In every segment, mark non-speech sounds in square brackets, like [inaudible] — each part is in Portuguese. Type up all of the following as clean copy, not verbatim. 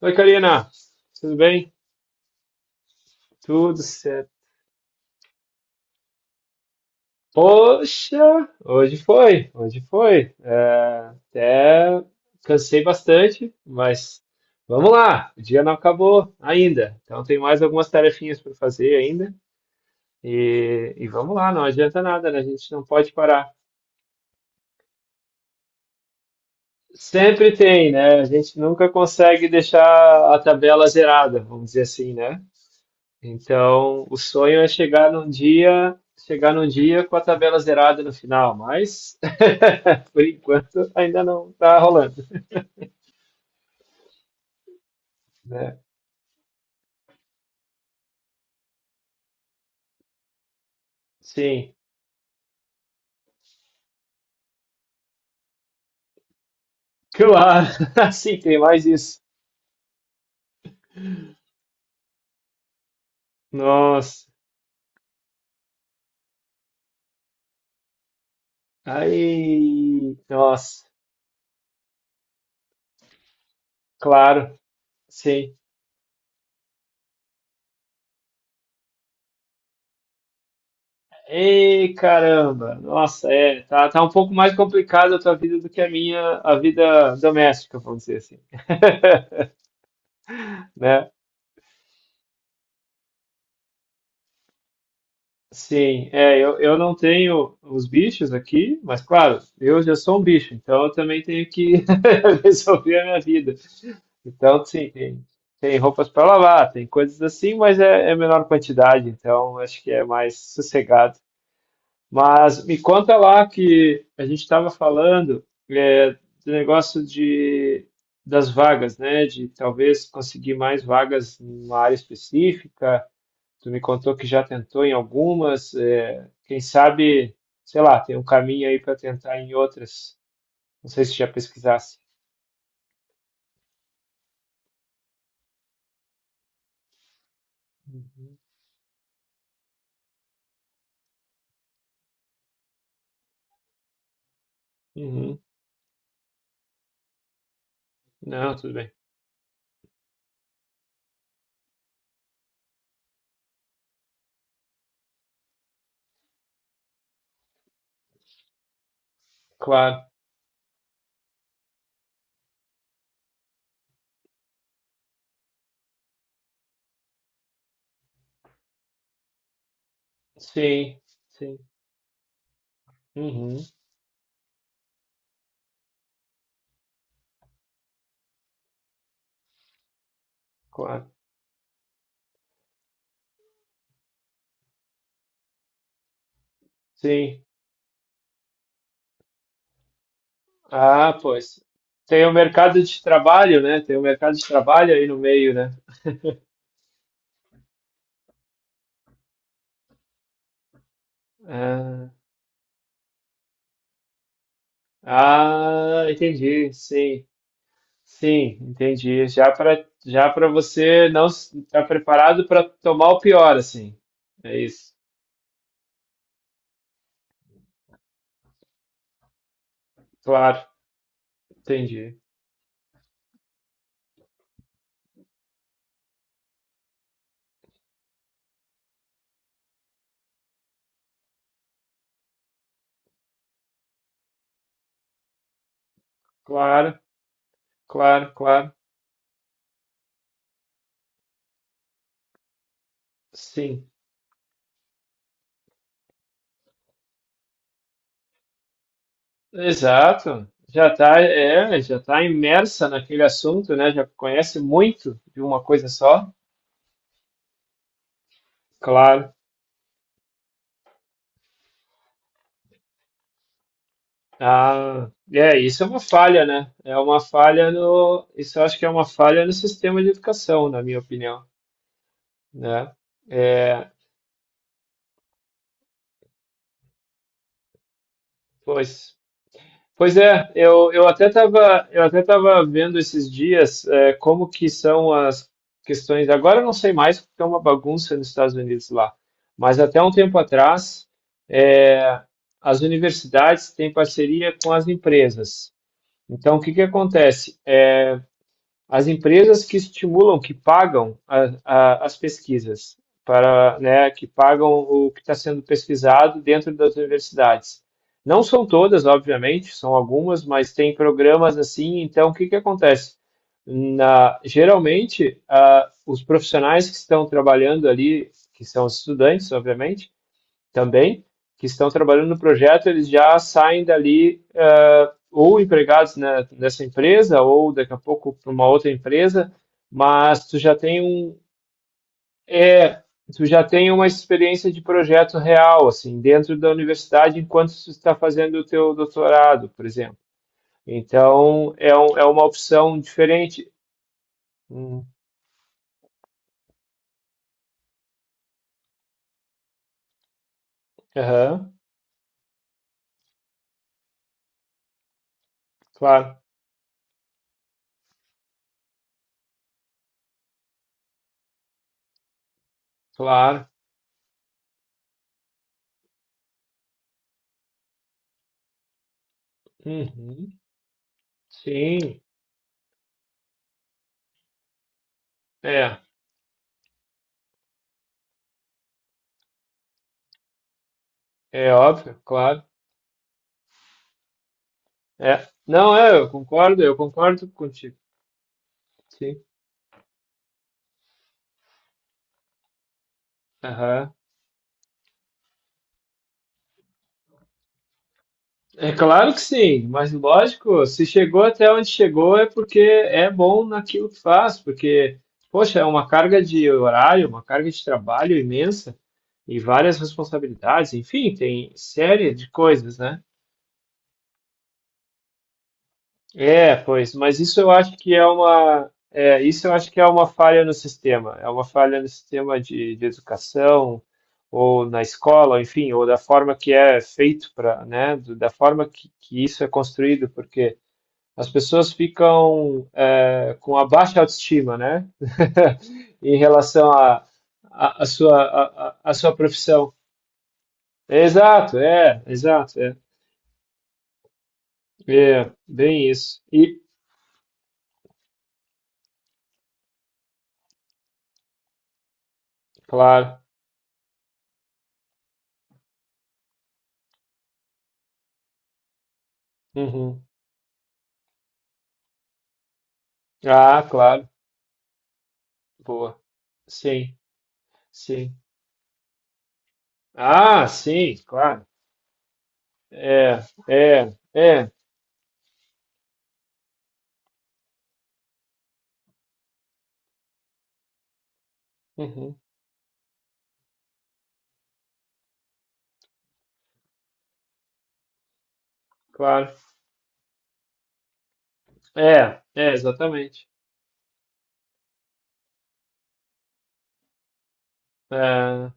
Oi, Karina. Tudo bem? Tudo certo. Poxa, hoje foi. Até cansei bastante, mas vamos lá. O dia não acabou ainda. Então tem mais algumas tarefinhas para fazer ainda. E vamos lá, não adianta nada, né? A gente não pode parar. Sempre tem, né? A gente nunca consegue deixar a tabela zerada, vamos dizer assim, né? Então, o sonho é chegar num dia com a tabela zerada no final, mas [laughs] por enquanto ainda não está rolando, né? Sim, claro, [laughs] sim, tem mais isso. Nossa, aí, nossa, claro, sim. Ei, caramba, nossa, tá um pouco mais complicada a tua vida do que a minha, a vida doméstica, vamos dizer assim, né? Sim, é, eu não tenho os bichos aqui, mas claro, eu já sou um bicho, então eu também tenho que [laughs] resolver a minha vida. Então, sim, tem roupas para lavar, tem coisas assim, mas é menor quantidade, então acho que é mais sossegado. Mas me conta lá que a gente estava falando é, do negócio de, das vagas, né? De talvez conseguir mais vagas em uma área específica. Tu me contou que já tentou em algumas, quem sabe, sei lá, tem um caminho aí para tentar em outras. Não sei se já pesquisasse. Uhum. Uhum. Não, tudo bem. Claro. Sim, sim. Uhum. Claro. Sim. Ah, pois. Tem o mercado de trabalho, né? Tem o mercado de trabalho aí no meio, né? Ah, ah, entendi. Sim. Sim, entendi. Já para você não estar preparado para tomar o pior, assim. É isso. Claro, entendi. Claro, claro, claro. Sim. Exato. Já tá, é, já tá imersa naquele assunto, né? Já conhece muito de uma coisa só. Claro. Ah, é, isso é uma falha, né? É uma falha no, isso eu acho que é uma falha no sistema de educação, na minha opinião, né? É, pois. Pois é, eu até tava vendo esses dias é, como que são as questões. Agora eu não sei mais porque é uma bagunça nos Estados Unidos lá, mas até um tempo atrás é, as universidades têm parceria com as empresas. Então o que que acontece? É, as empresas que estimulam, que pagam as pesquisas, para, né, que pagam o que está sendo pesquisado dentro das universidades. Não são todas, obviamente, são algumas, mas tem programas assim. Então, o que, que acontece? Na, geralmente, os profissionais que estão trabalhando ali, que são os estudantes, obviamente, também, que estão trabalhando no projeto, eles já saem dali ou empregados né, nessa empresa, ou daqui a pouco para uma outra empresa, mas tu já tem um. É, tu já tem uma experiência de projeto real, assim, dentro da universidade, enquanto tu está fazendo o teu doutorado, por exemplo. Então, é, um, é uma opção diferente. Hum, aham, claro, claro. Uhum, sim, é, é óbvio, claro. É, não, é, eu concordo contigo. Sim. Aham. É claro que sim, mas lógico, se chegou até onde chegou é porque é bom naquilo que faz, porque, poxa, é uma carga de horário, uma carga de trabalho imensa e várias responsabilidades, enfim, tem série de coisas, né? É, pois, mas isso eu acho que é uma, é, isso eu acho que é uma falha no sistema, é uma falha no sistema de educação, ou na escola, enfim, ou da forma que é feito para, né, do- da forma que isso é construído, porque as pessoas ficam é, com a baixa autoestima, né, [laughs] em relação à a sua profissão. Exato, é, é, bem isso. E, claro, uhum. Ah, claro. Boa. Sim, sim. Ah, sim, claro. É, é, é. Uhum, claro. É, é, exatamente. É.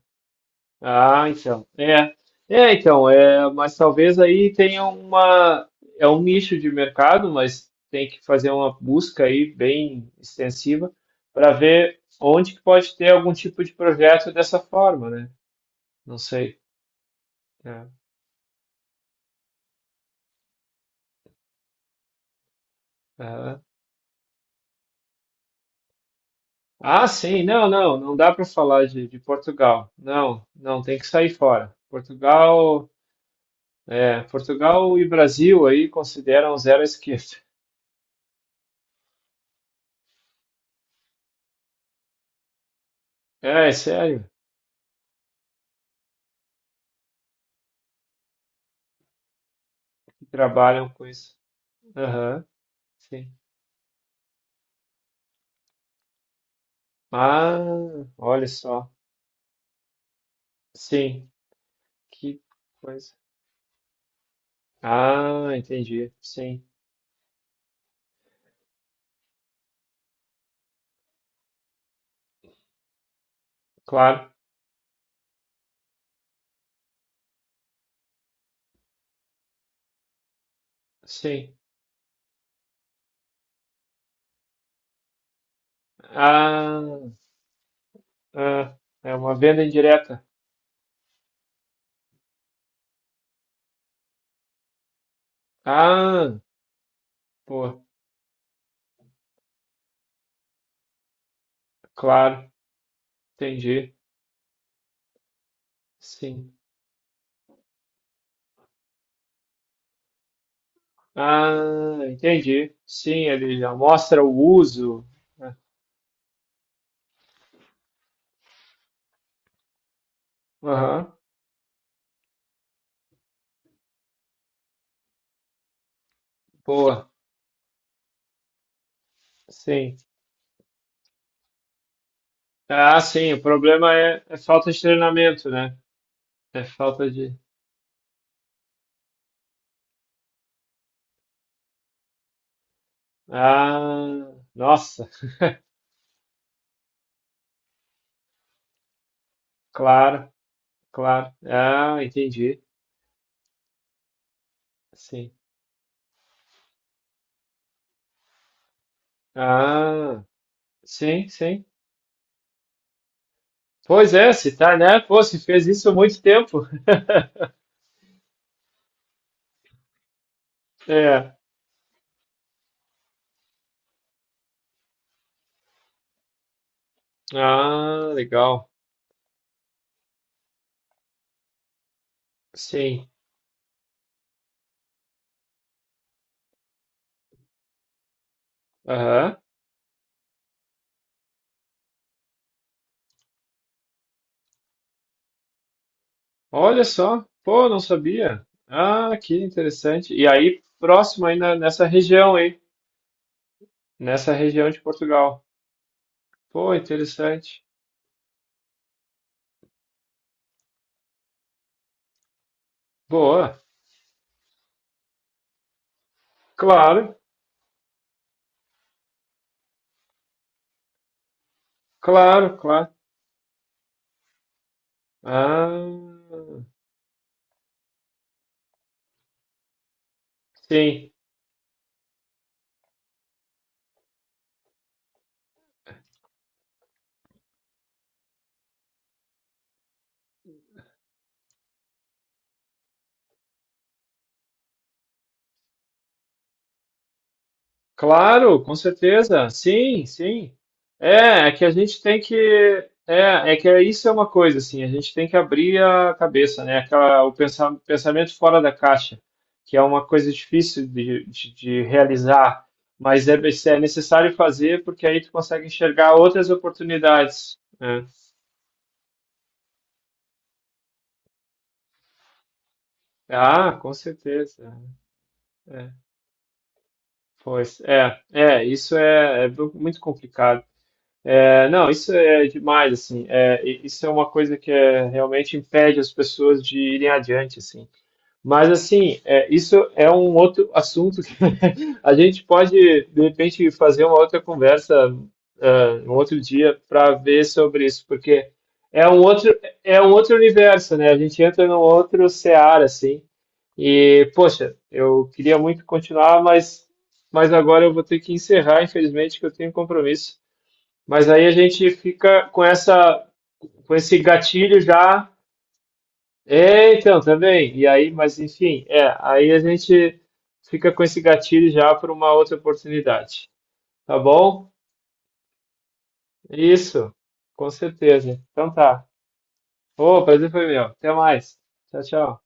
Ah, então. É. É, então, é, mas talvez aí tenha uma, é um nicho de mercado, mas tem que fazer uma busca aí bem extensiva para ver onde que pode ter algum tipo de projeto dessa forma, né? Não sei. É, é. Ah, sim, não, não, não dá para falar de Portugal. Não, não, tem que sair fora. Portugal, é, Portugal e Brasil aí consideram zero à esquerda. É, é sério, que trabalham com isso. Aham, sim. Ah, olha só. Sim, que coisa. Ah, entendi. Sim, claro, sim. Ah, ah, é uma venda indireta. Ah, pô, claro, entendi. Sim. Ah, entendi. Sim, ele já mostra o uso. Né? Aham, boa. Sim. Ah, sim, o problema é falta de treinamento, né? É falta de. Ah, nossa, claro, claro. Ah, entendi. Sim. Ah, sim, sim. Pois é, se tá, né? Pô, se fez isso há muito tempo. É. Ah, legal. Sim. Aham. Olha só, pô, não sabia. Ah, que interessante. E aí, próximo aí na- nessa região aí, nessa região de Portugal. Pô, interessante. Boa. Claro, claro, claro. Ah, sim. Claro, com certeza. Sim, sim. É, é que a gente tem que. É, é que isso é uma coisa, assim, a gente tem que abrir a cabeça, né? Aquela, o pensa- pensamento fora da caixa, que é uma coisa difícil de realizar, mas é, é necessário fazer porque aí tu consegue enxergar outras oportunidades, né? Ah, com certeza. É, pois, é, é, isso é, é muito complicado. É, não, isso é demais, assim, é, e- isso é uma coisa que é, realmente impede as pessoas de irem adiante, assim. Mas, assim, é, isso é um outro assunto que [laughs] a gente pode, de repente, fazer uma outra conversa, ah, um outro dia para ver sobre isso, porque é um outro, é um outro universo, né? A gente entra num outro seara, assim, e, poxa, eu queria muito continuar, mas agora eu vou ter que encerrar, infelizmente, que eu tenho um compromisso. Mas aí a gente fica com essa, com esse gatilho já. É, então, também. E aí, mas enfim, é, aí a gente fica com esse gatilho já para uma outra oportunidade. Tá bom? Isso, com certeza. Então tá. Ô, prazer foi meu. Até mais. Tchau, tchau.